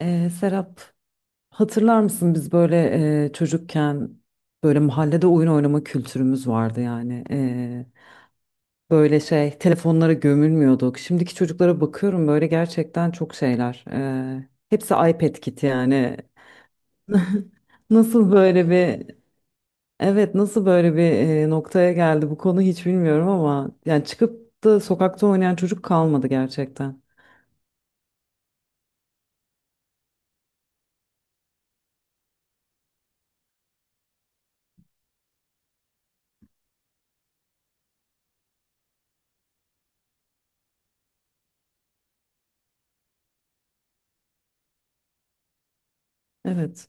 Serap, hatırlar mısın biz böyle çocukken böyle mahallede oyun oynama kültürümüz vardı yani. Böyle şey telefonlara gömülmüyorduk. Şimdiki çocuklara bakıyorum böyle gerçekten çok şeyler. Hepsi iPad kiti yani. Nasıl böyle bir evet, nasıl böyle bir noktaya geldi bu konu hiç bilmiyorum ama yani çıkıp da sokakta oynayan çocuk kalmadı gerçekten. Evet.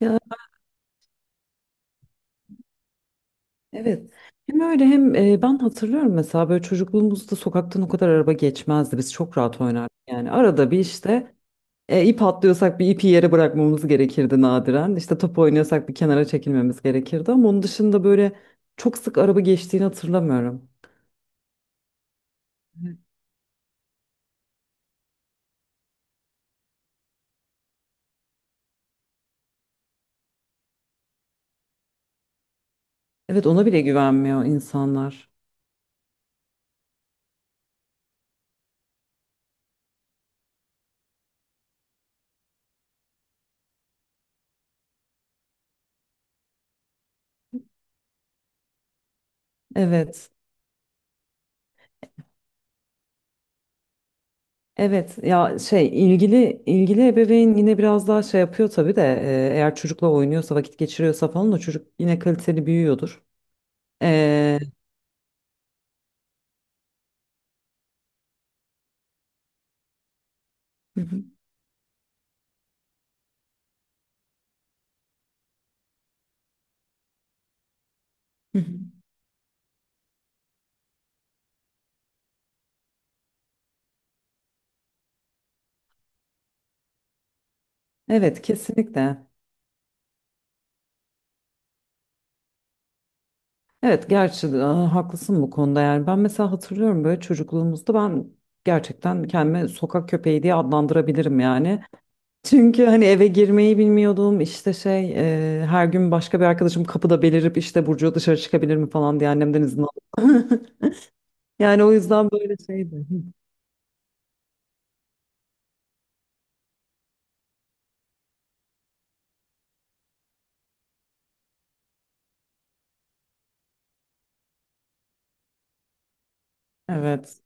Ya, evet. Hem öyle hem ben hatırlıyorum mesela böyle çocukluğumuzda sokaktan o kadar araba geçmezdi. Biz çok rahat oynardık. Yani arada bir işte ip atlıyorsak bir ipi yere bırakmamız gerekirdi nadiren. İşte top oynuyorsak bir kenara çekilmemiz gerekirdi ama onun dışında böyle çok sık araba geçtiğini hatırlamıyorum. Evet, ona bile güvenmiyor insanlar. Evet. Evet, ya şey ilgili ebeveyn yine biraz daha şey yapıyor tabii de eğer çocukla oynuyorsa vakit geçiriyorsa falan da çocuk yine kaliteli büyüyordur. E, Hı hı, hı hı. Evet, kesinlikle. Evet, gerçi haklısın bu konuda yani ben mesela hatırlıyorum böyle çocukluğumuzda ben gerçekten kendimi sokak köpeği diye adlandırabilirim yani. Çünkü hani eve girmeyi bilmiyordum işte şey her gün başka bir arkadaşım kapıda belirip işte Burcu dışarı çıkabilir mi falan diye annemden izin aldım. Yani o yüzden böyle şeydi. Evet.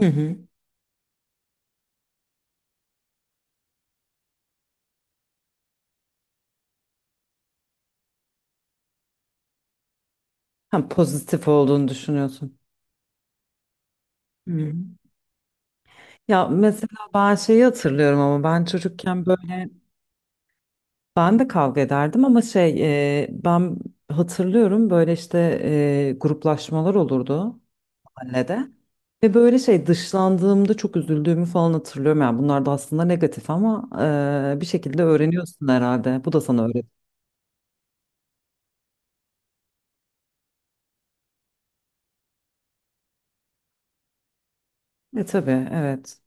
Hı hı. Hem pozitif olduğunu düşünüyorsun. Hı hı. Ya, mesela ben şeyi hatırlıyorum ama ben çocukken böyle ben de kavga ederdim ama şey ben hatırlıyorum böyle işte gruplaşmalar olurdu mahallede. Ve böyle şey dışlandığımda çok üzüldüğümü falan hatırlıyorum. Yani bunlar da aslında negatif ama bir şekilde öğreniyorsun herhalde. Bu da sana öğret. E tabii, evet.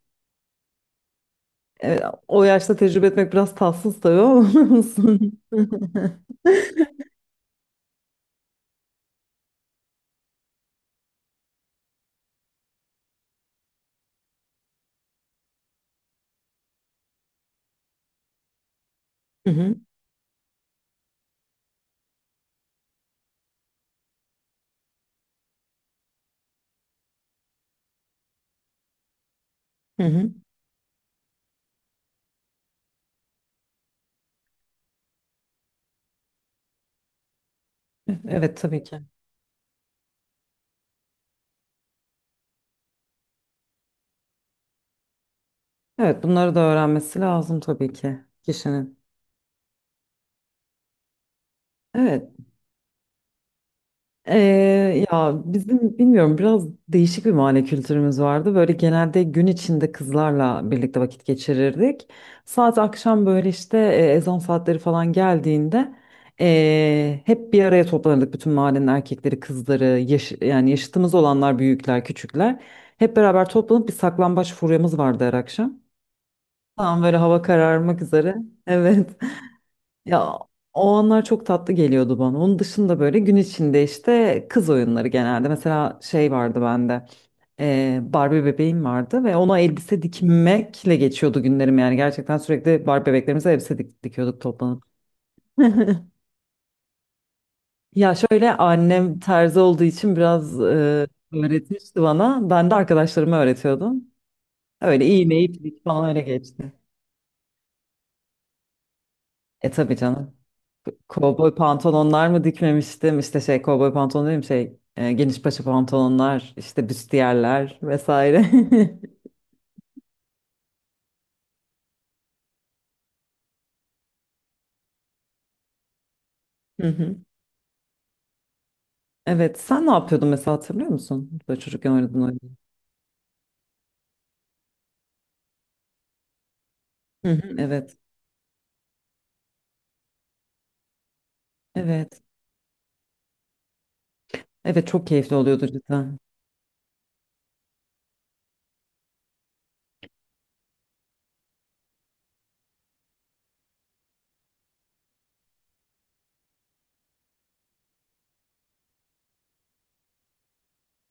E, O yaşta tecrübe etmek biraz tatsız tabii ama olsun. Hı hı, hı hı. Evet, tabii ki. Evet, bunları da öğrenmesi lazım tabii ki kişinin. Evet. Ya bizim bilmiyorum biraz değişik bir mahalle kültürümüz vardı. Böyle genelde gün içinde kızlarla birlikte vakit geçirirdik. Saat akşam böyle işte ezan saatleri falan geldiğinde hep bir araya toplanırdık. Bütün mahallenin erkekleri, kızları, yani yaşıtımız olanlar, büyükler, küçükler. Hep beraber toplanıp bir saklambaç furyamız vardı her akşam. Tam böyle hava kararmak üzere. Evet. Ya, o anlar çok tatlı geliyordu bana. Onun dışında böyle gün içinde işte kız oyunları genelde. Mesela şey vardı bende. Barbie bebeğim vardı ve ona elbise dikmekle geçiyordu günlerim yani. Gerçekten sürekli Barbie bebeklerimize elbise dikiyorduk toplanıp. Ya şöyle annem terzi olduğu için biraz öğretmişti bana. Ben de arkadaşlarıma öğretiyordum. Öyle iğne iplik falan öyle geçti. E tabii canım. Kovboy pantolonlar mı dikmemiştim? İşte şey kovboy pantolon değil mi? Şey geniş paça pantolonlar, işte büstiyerler vesaire. Hı hı. Evet, sen ne yapıyordun mesela hatırlıyor musun? Böyle çocukken oynadığın oyunu. Hı hı. Evet, evet. Evet çok keyifli oluyordu cidden.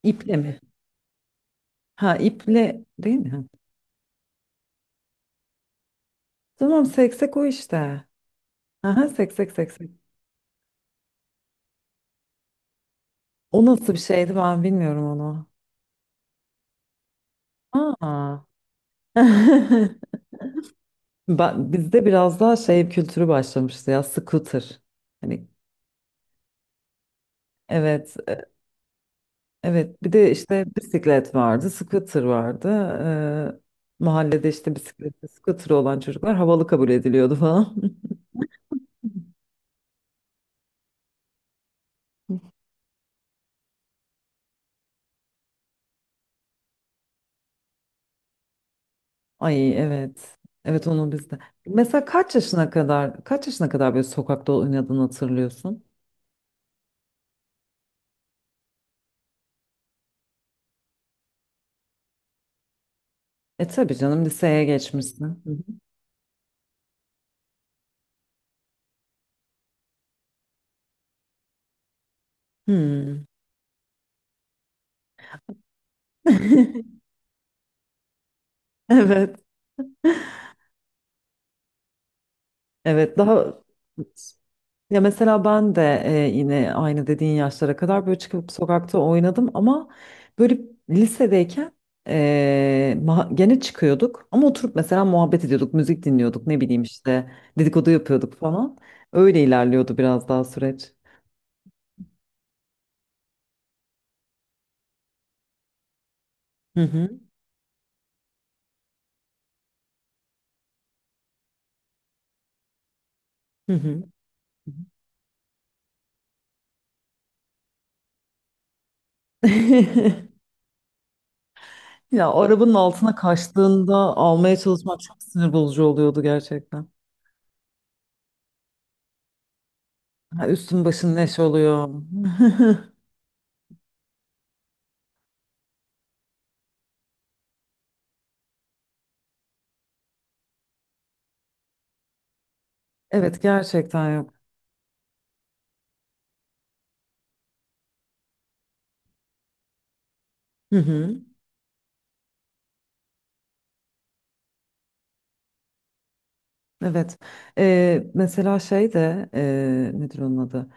İple mi? Ha, iple değil mi? Ha. Tamam, seksek o işte. Aha, seksek seksek. O nasıl bir şeydi ben bilmiyorum onu. Aa. Ben, bizde biraz daha şey kültürü başlamıştı ya, scooter. Hani evet, evet bir de işte bisiklet vardı, scooter vardı. Mahallede işte bisikleti, scooter olan çocuklar havalı kabul ediliyordu falan. Ay, evet. Evet onu bizde. Mesela kaç yaşına kadar böyle sokakta oynadığını hatırlıyorsun? E tabii canım liseye geçmişsin. Hı hı. Hmm. Evet. Evet daha, ya mesela ben de yine aynı dediğin yaşlara kadar böyle çıkıp sokakta oynadım ama böyle lisedeyken gene çıkıyorduk ama oturup mesela muhabbet ediyorduk, müzik dinliyorduk, ne bileyim işte dedikodu yapıyorduk falan. Öyle ilerliyordu biraz daha süreç. Hı hı, hı hı. Ya, o arabanın altına kaçtığında almaya çalışmak çok sinir bozucu oluyordu gerçekten. Ha, üstün başın neş oluyor. Evet, gerçekten yok. Hı hı. Evet. Mesela şey de nedir onun adı?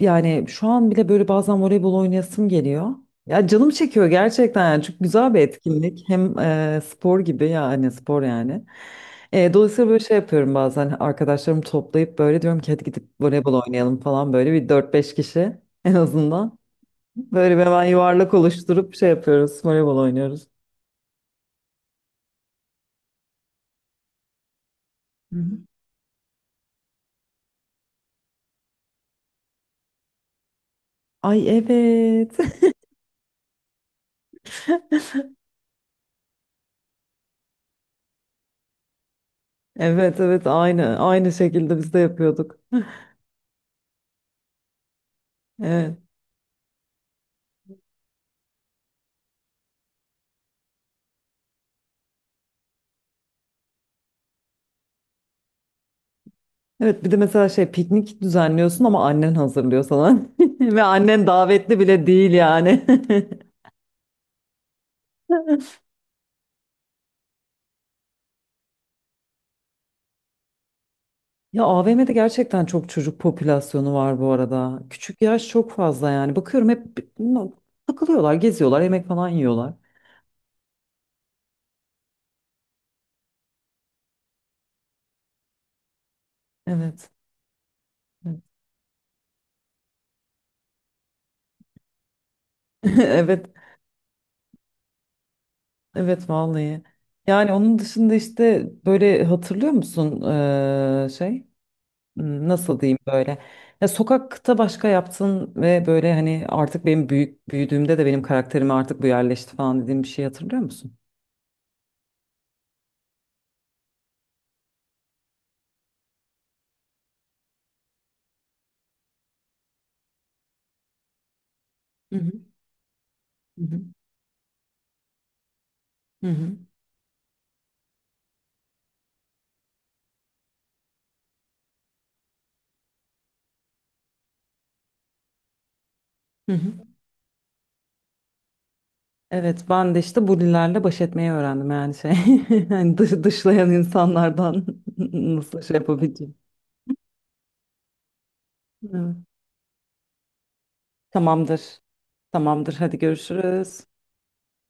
Yani şu an bile böyle bazen voleybol oynayasım geliyor. Ya canım çekiyor gerçekten yani çok güzel bir etkinlik. Hem spor gibi yani spor yani. Dolayısıyla böyle şey yapıyorum bazen arkadaşlarımı toplayıp böyle diyorum ki hadi gidip voleybol oynayalım falan böyle bir 4 5 kişi en azından. Böyle bir hemen yuvarlak oluşturup şey yapıyoruz voleybol oynuyoruz. Hı hı. Ay, evet. Evet, evet, aynı aynı şekilde biz de yapıyorduk. Evet. Evet bir de mesela şey piknik düzenliyorsun ama annen hazırlıyor sana. Ve annen davetli bile değil yani. Ya AVM'de gerçekten çok çocuk popülasyonu var bu arada. Küçük yaş çok fazla yani. Bakıyorum hep takılıyorlar, geziyorlar, yemek falan yiyorlar. Evet. Evet. Evet vallahi. Yani onun dışında işte böyle hatırlıyor musun şey? Nasıl diyeyim böyle? Ya sokakta başka yaptın ve böyle hani artık benim büyüdüğümde de benim karakterime artık bu yerleşti falan dediğim bir şey hatırlıyor musun? Hı hı. Hı hı. Hı hı. Hı hı. Evet ben de işte bulilerle baş etmeyi öğrendim yani şey. Yani dışlayan insanlardan nasıl şey yapabileceğim. Evet. Tamamdır. Tamamdır, hadi görüşürüz.